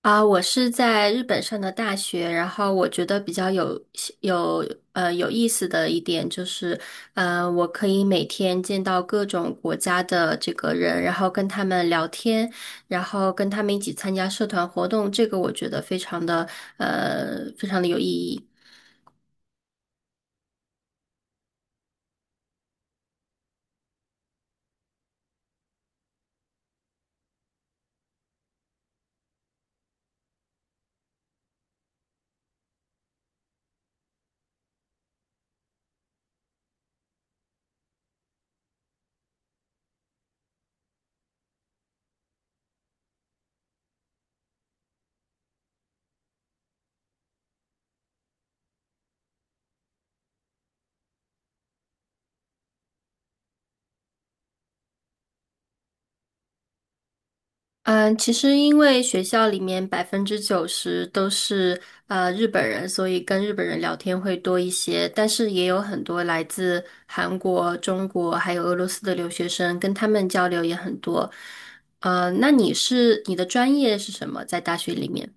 啊，我是在日本上的大学，然后我觉得比较有有意思的一点就是，我可以每天见到各种国家的这个人，然后跟他们聊天，然后跟他们一起参加社团活动，这个我觉得非常的有意义。嗯，其实因为学校里面90%都是日本人，所以跟日本人聊天会多一些。但是也有很多来自韩国、中国还有俄罗斯的留学生，跟他们交流也很多。那你的专业是什么？在大学里面？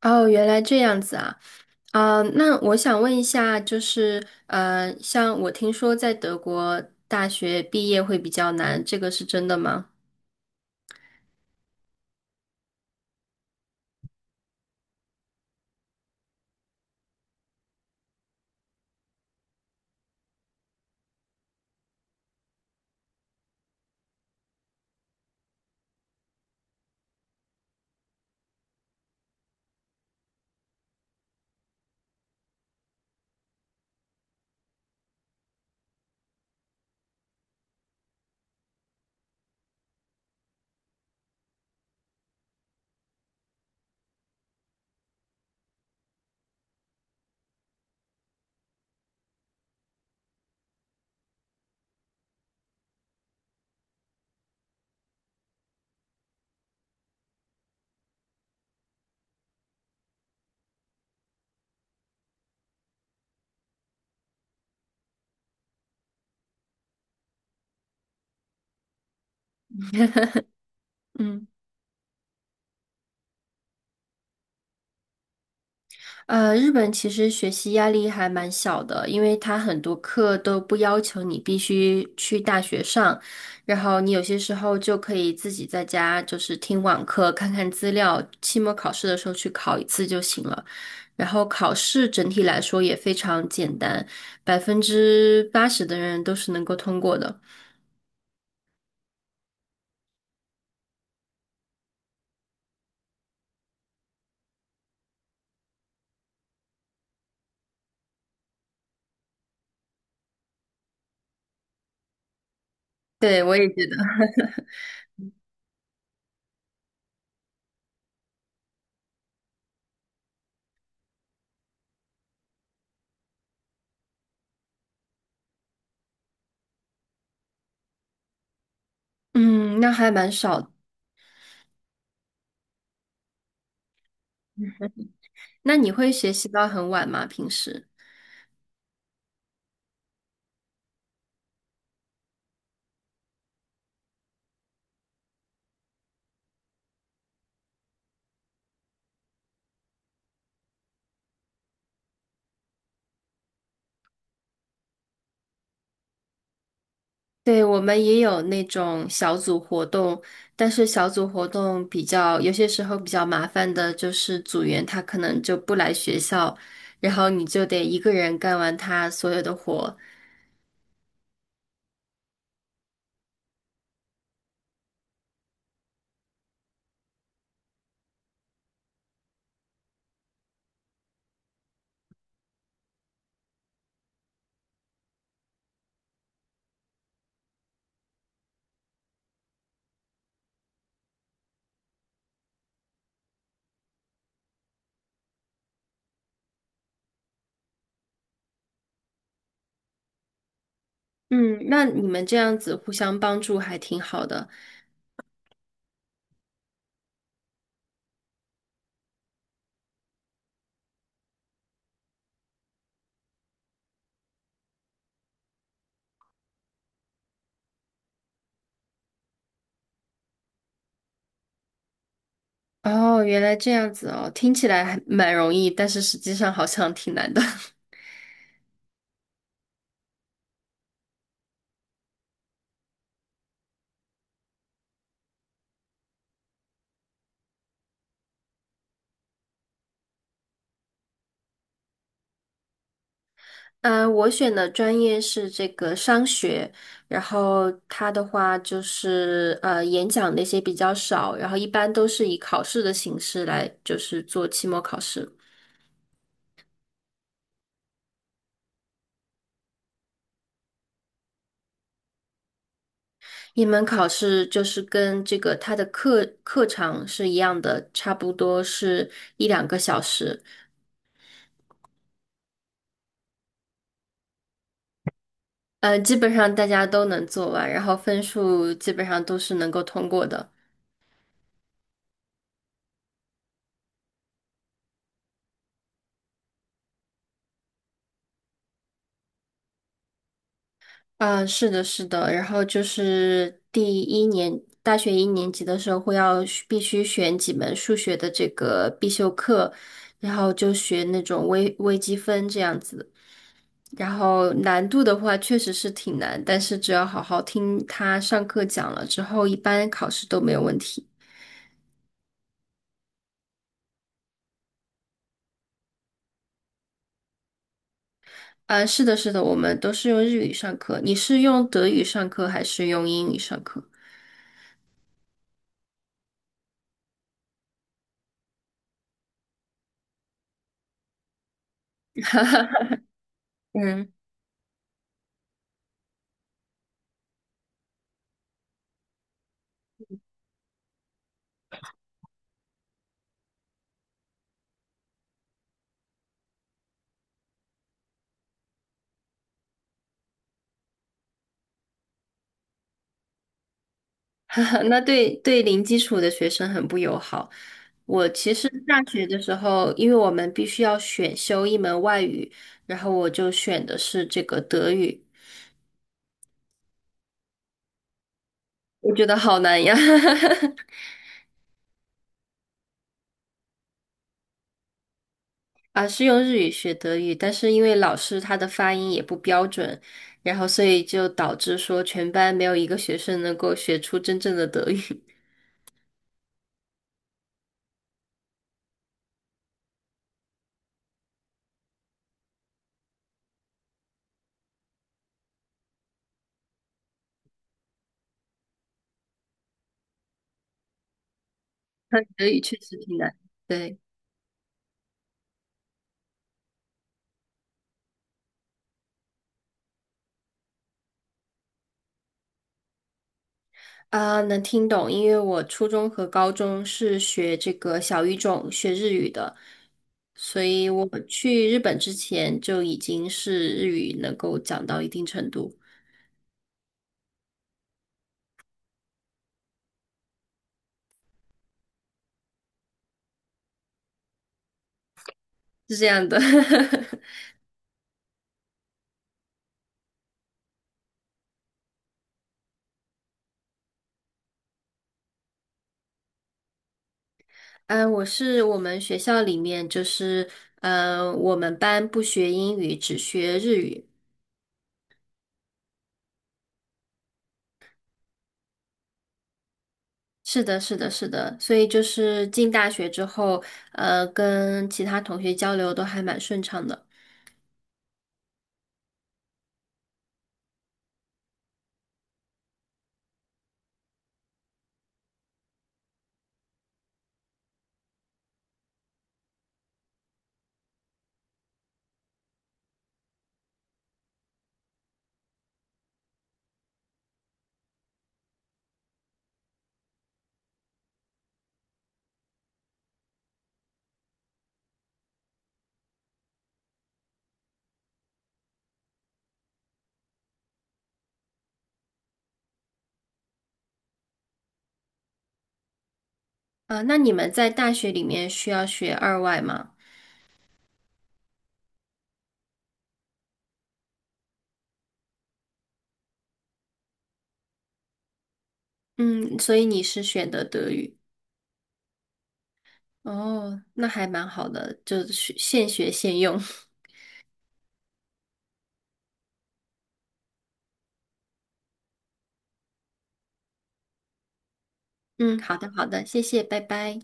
哦，原来这样子啊。啊，那我想问一下，像我听说在德国大学毕业会比较难，这个是真的吗？嗯。呃，日本其实学习压力还蛮小的，因为它很多课都不要求你必须去大学上，然后你有些时候就可以自己在家就是听网课，看看资料，期末考试的时候去考一次就行了。然后考试整体来说也非常简单，80%的人都是能够通过的。对，我也觉得。嗯，那还蛮少。那你会学习到很晚吗？平时？对，我们也有那种小组活动，但是小组活动比较，有些时候比较麻烦的就是组员他可能就不来学校，然后你就得一个人干完他所有的活。嗯，那你们这样子互相帮助还挺好的。哦，原来这样子哦，听起来还蛮容易，但是实际上好像挺难的。嗯，我选的专业是这个商学，然后它的话就是演讲那些比较少，然后一般都是以考试的形式来就是做期末考试。一门考试就是跟这个它的课程是一样的，差不多是1两个小时。呃，基本上大家都能做完，然后分数基本上都是能够通过的。嗯，是的，是的，然后就是第1年，大学1年级的时候会要学必须选几门数学的这个必修课，然后就学那种微积分这样子。然后难度的话确实是挺难，但是只要好好听他上课讲了之后，一般考试都没有问题。呃，是的，是的，我们都是用日语上课。你是用德语上课还是用英语上课？嗯。那对零基础的学生很不友好。我其实大学的时候，因为我们必须要选修一门外语，然后我就选的是这个德语，我觉得好难呀。啊，是用日语学德语，但是因为老师他的发音也不标准，然后所以就导致说全班没有一个学生能够学出真正的德语。德语确实挺难，对。啊，能听懂，因为我初中和高中是学这个小语种，学日语的，所以我去日本之前就已经是日语能够讲到一定程度，是这样的。嗯，我是我们学校里面就是，嗯，我们班不学英语，只学日语。是的，是的，是的，所以就是进大学之后，呃，跟其他同学交流都还蛮顺畅的。啊，那你们在大学里面需要学二外吗？嗯，所以你是选的德语。哦，那还蛮好的，就是现学现用。嗯，好的，好的，谢谢，拜拜。